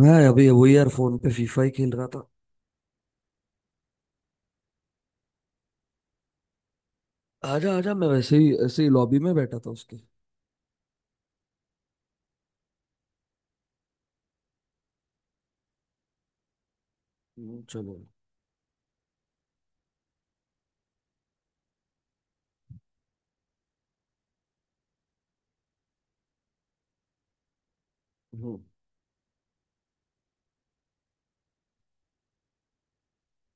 मैं अभी वही यार फोन पे फीफा ही खेल रहा था। आजा आजा मैं वैसे ही ऐसे ही लॉबी में बैठा था उसके। चलो। हम्म।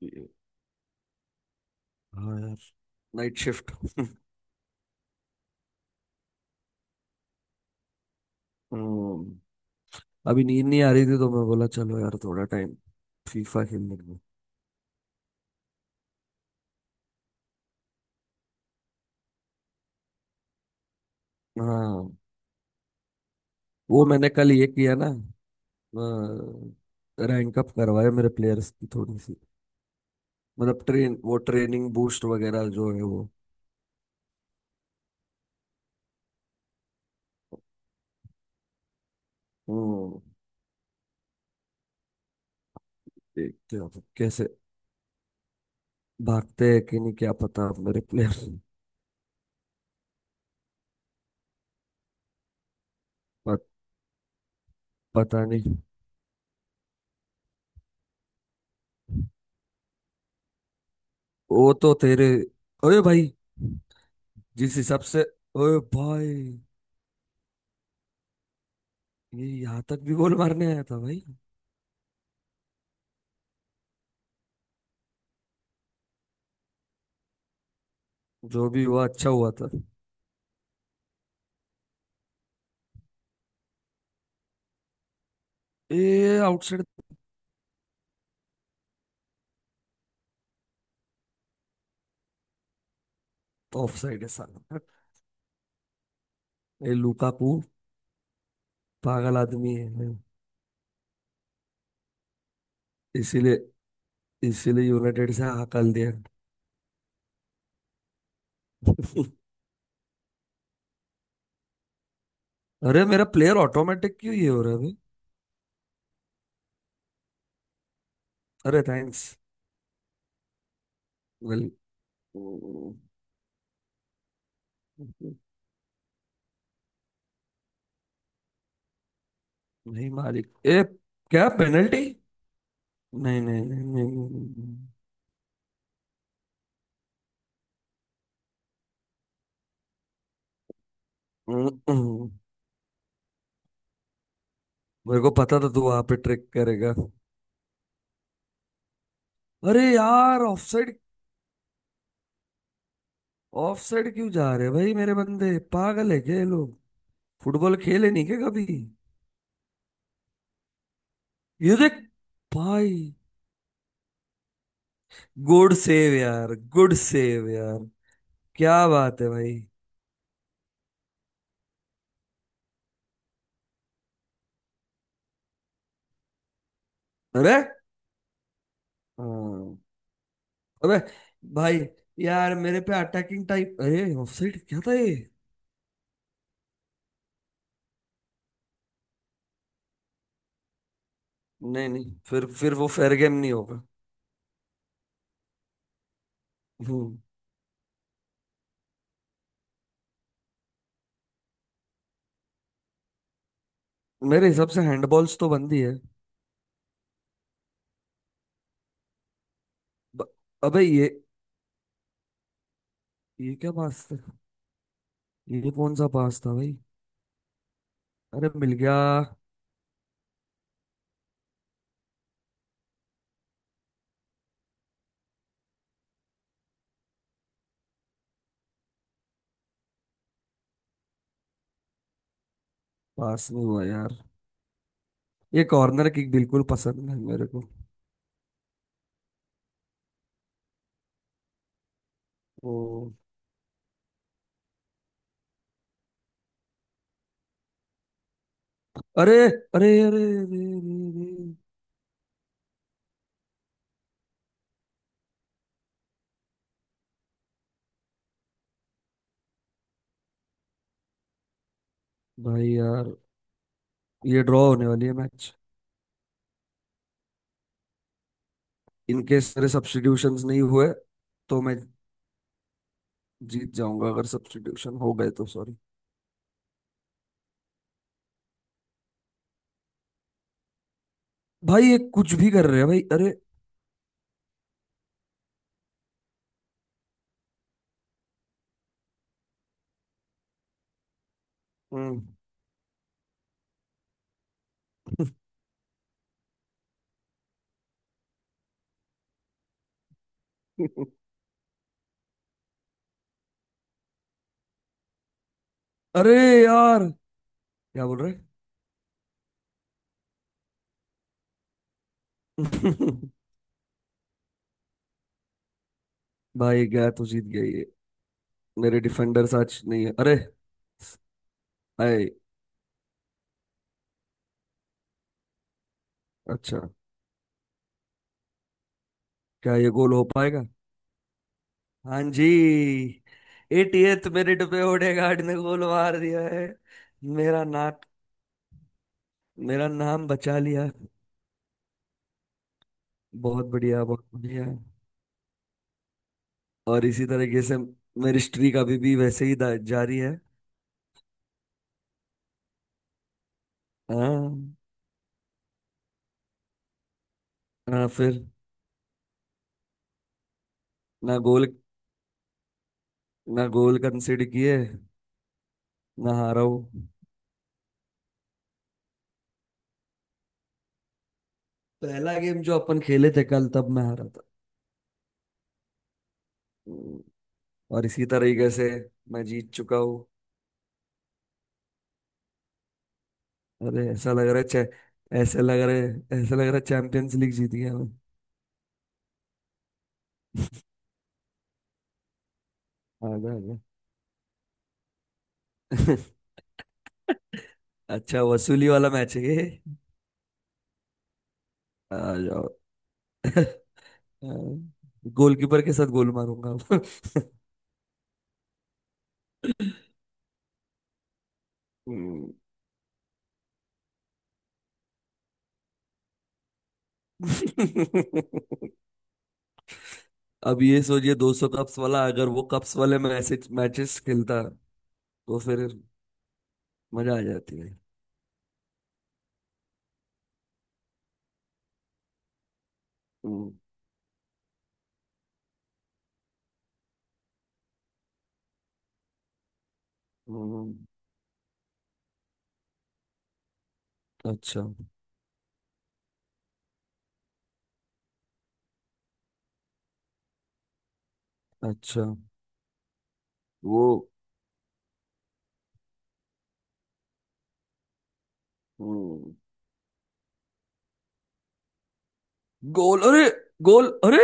ये- हाँ यार। Night shift. हम्म, अभी नींद नहीं आ रही थी तो मैं बोला चलो यार थोड़ा टाइम फीफा खेलने को। हाँ। वो मैंने कल ये किया ना। रैंक अप करवाया मेरे प्लेयर्स की थोड़ी सी। मतलब ट्रेनिंग बूस्ट वगैरह जो है वो। हम्म, ठीक क्या कैसे भागते हैं कि नहीं क्या पता अब मेरे प्लेयर। पता नहीं। वो तो तेरे। ओए भाई जिस हिसाब से। ओए भाई ये यहाँ तक भी गोल मारने आया था भाई। जो भी हुआ अच्छा हुआ था। ये आउटसाइड तो ऑफ साइड है साला। ये लुकाकू पागल आदमी है। इसीलिए। इसीलिए यूनाइटेड से हकल दिया। अरे मेरा प्लेयर ऑटोमेटिक क्यों ये हो रहा है भाई। अरे थैंक्स। वेल। नहीं मालिक। ए। क्या पेनल्टी। नहीं नहीं नहीं नहीं, नहीं, नहीं, नहीं। मेरे को पता था तू वहां पे ट्रिक करेगा। अरे यार ऑफ साइड। ऑफ साइड क्यों जा रहे हैं भाई मेरे बंदे पागल है क्या ये लोग। फुटबॉल खेले नहीं क्या कभी। ये देख भाई। गुड सेव यार गुड सेव यार। क्या बात है भाई। अरे हाँ, अबे भाई। यार मेरे पे अटैकिंग टाइप अरे ऑफ साइड क्या था ये। नहीं नहीं फिर वो फेयर गेम नहीं होगा। हम्म। मेरे हिसाब से हैंडबॉल्स तो बनती है। ब- अबे ये। ये क्या बात है। ये कौन सा पास था भाई। अरे मिल गया। पास में हुआ यार। ये कॉर्नर किक बिल्कुल पसंद नहीं मेरे को। ओ। अरे अरे अरे अरे अरे, अरे। भाई यार। ये ड्रॉ होने वाली है मैच। इन केस मेरे सब्स्टिट्यूशंस नहीं हुए तो मैं जीत जाऊंगा अगर सब्स्टिट्यूशन हो गए तो सॉरी। भाई ये कुछ भी कर रहे हैं भाई अरे। हम्म। अरे यार क्या बोल रहे हैं? भाई गया तो जीत गया ये। मेरे डिफेंडर्स आज नहीं है अरे। आए। अच्छा। क्या ये गोल हो पाएगा। हाँ जी। 80th मिनट पे ओडेगार्ड ने गोल मार दिया है। मेरा नाक मेरा नाम बचा लिया। बहुत बढ़िया बहुत बढ़िया। और इसी तरीके से मेरी स्ट्रीक अभी भी वैसे ही जारी है। हाँ। हाँ, फिर। ना गोल ना गोल कंसिड किए ना हारा हूँ। पहला गेम जो अपन खेले थे कल तब मैं हारा था। हम्म, और इसी तरीके से मैं जीत चुका हूँ। अरे ऐसा लग रहा है ऐसा लग रहा है ऐसा लग रहा है चैंपियंस लीग जीत गया मैं। आ जा आ जा। अच्छा वसूली वाला मैच है ये। आ जाओ। गोलकीपर के साथ गोल मारूंगा अब। हम्म। अब ये सोचिए 200 कप्स वाला अगर वो कप्स वाले में ऐसे मैचेस खेलता तो फिर मजा आ जाती है। हम्म। हम्म, अच्छा। अच्छा वो। हम्म, गोल अरे। गोल अरे।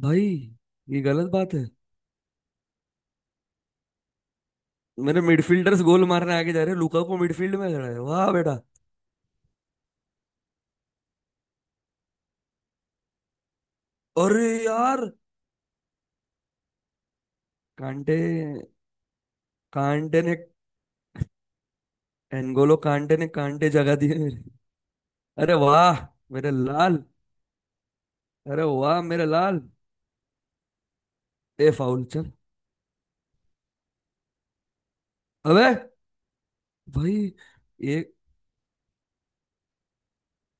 भाई ये गलत बात है। मेरे मिडफील्डर्स गोल मारने आगे जा रहे हैं लुकाकू मिडफील्ड में खड़ा है वाह बेटा। अरे यार कांटे। कांटे ने एनगोलो कांटे ने कांटे जगा दिए मेरे। अरे वाह मेरे लाल। अरे वाह मेरे लाल। ए फाउल चल। अबे भाई। ये।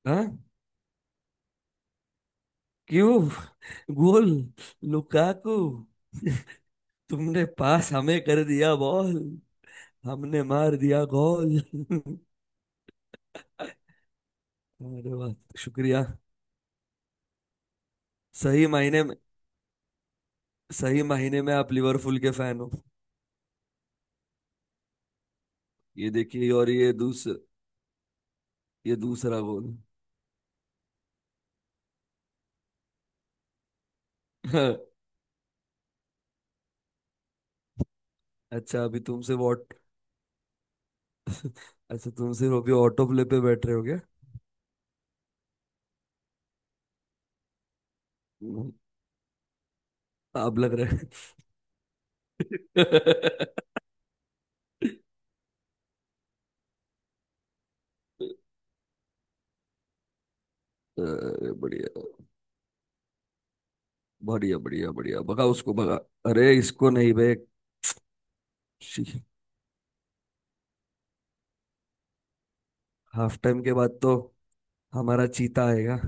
हाँ। क्यों। गोल लुकाकू। तुमने पास हमें कर दिया बॉल हमने मार दिया गोल। अरे वाह शुक्रिया। सही मायने में। सही महीने में आप लिवरपूल के फैन हो। ये देखिए और ये दूसरा गोल। अच्छा अभी तुमसे वॉट अच्छा तुमसे अभी ऑटो प्ले पे बैठ रहे हो क्या। हम्म, आप लग रहे हैं। अरे बढ़िया बढ़िया बढ़िया बढ़िया भगा उसको भगा। अरे इसको नहीं बे। हाफ टाइम के बाद तो हमारा चीता आएगा।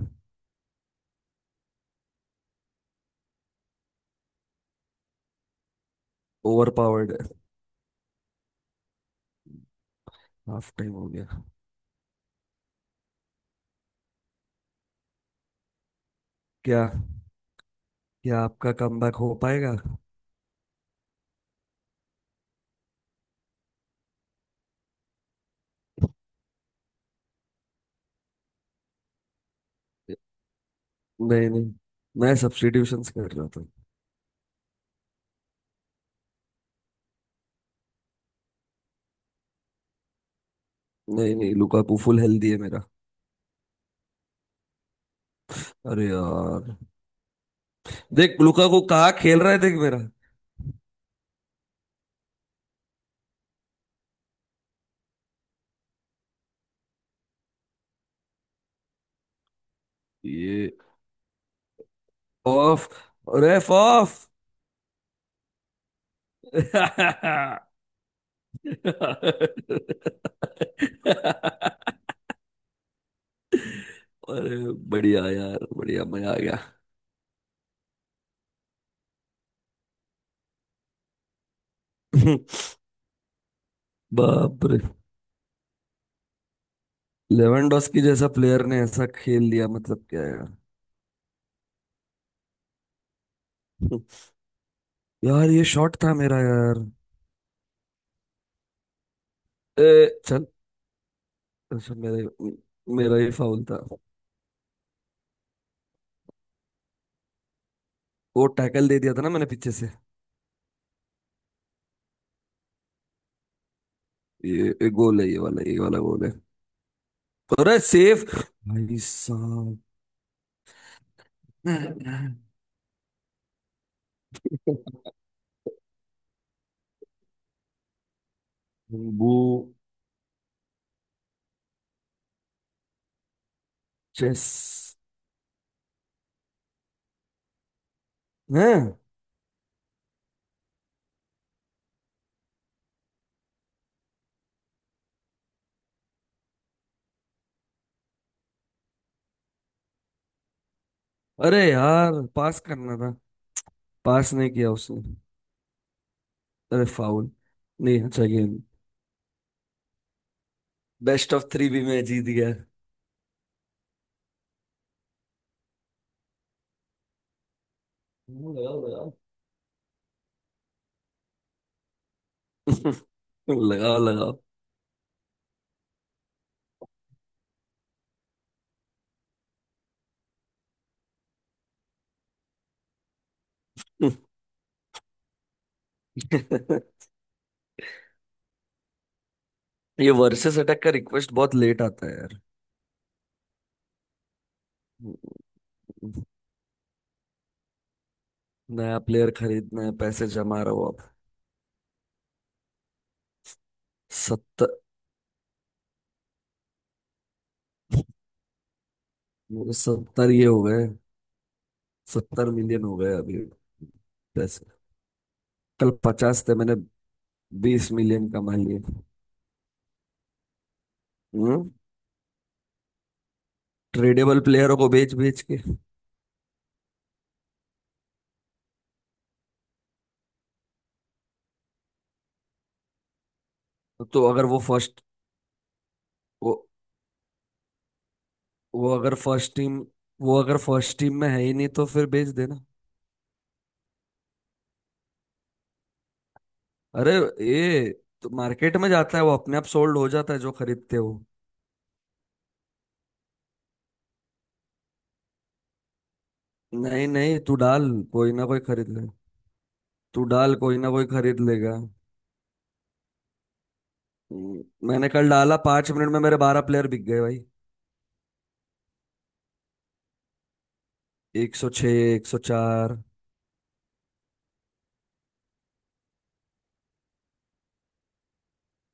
ओवर पावर्ड है। हाफ टाइम हो गया। क्या क्या आपका कमबैक हो पाएगा। नहीं नहीं मैं सब्स्टिट्यूशंस कर रहा था। नहीं नहीं लुकाकू फुल हेल्दी है मेरा। अरे यार। देख लुकाकू कहाँ खेल रहा है देख मेरा। ये ऑफ रेफ ऑफ। अरे बढ़िया यार बढ़िया मजा आ गया। बाप रे। लेवेंडोस्की जैसा प्लेयर ने ऐसा खेल लिया मतलब क्या यार। यार ये शॉट था मेरा यार। ए, चल। अच्छा मेरा मेरा ही फाउल था। वो टैकल दे दिया था ना मैंने पीछे से। ये गोल है ये वाला गोल है। और सेफ। भाई साहब। वो चेस है। अरे यार पास करना था। पास नहीं किया उसने। अरे फाउल। नहीं अच्छा गेम। बेस्ट ऑफ थ्री भी मैं जीत गया। लगाओ लगाओ। लगाओ लगाओ। ये वर्सेस अटैक का रिक्वेस्ट बहुत लेट आता है यार। नया प्लेयर खरीदना है पैसे जमा रहे हो आप। सत्तर 70 ये हो गए। 70 मिलियन हो गए अभी पैसे। कल 50 थे मैंने 20 मिलियन कमा लिए। हम्म। ट्रेडेबल प्लेयरों को बेच बेच के। तो अगर वो फर्स्ट वो वो अगर फर्स्ट टीम वो अगर फर्स्ट टीम में है ही नहीं तो फिर बेच देना। अरे ये तो मार्केट में जाता है वो अपने आप सोल्ड हो जाता है जो खरीदते हो। नहीं नहीं तू डाल कोई ना कोई खरीद ले। तू डाल कोई ना कोई खरीद लेगा। हम्म, मैंने कल डाला 5 मिनट में मेरे 12 प्लेयर बिक गए भाई। 106। 104।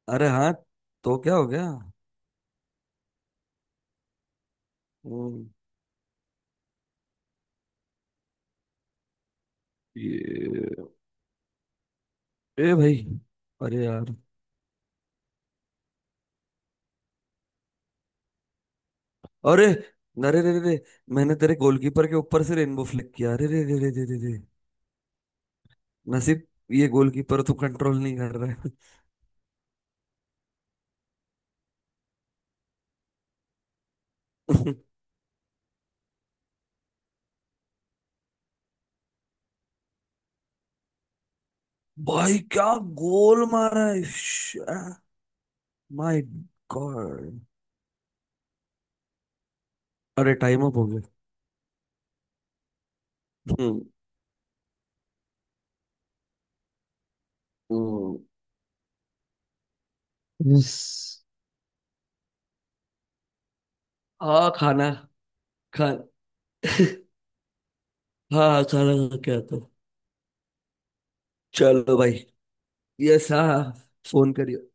अरे हाँ तो क्या हो गया। वो। ये। ए भाई। अरे यार। अरे अरे रे रे रे, मैंने तेरे गोलकीपर के ऊपर से रेनबो फ्लिक किया अरे रे रे रे रे रे रे। नसीब। ये गोलकीपर तो कंट्रोल नहीं कर रहा है। भाई क्या गोल मारा है। My God. अरे टाइम अप हो गया। हम्म। हम्म। Yes. हाँ खाना खा। हाँ खाना खा के आता हूँ। चलो भाई। यस हाँ फोन करियो।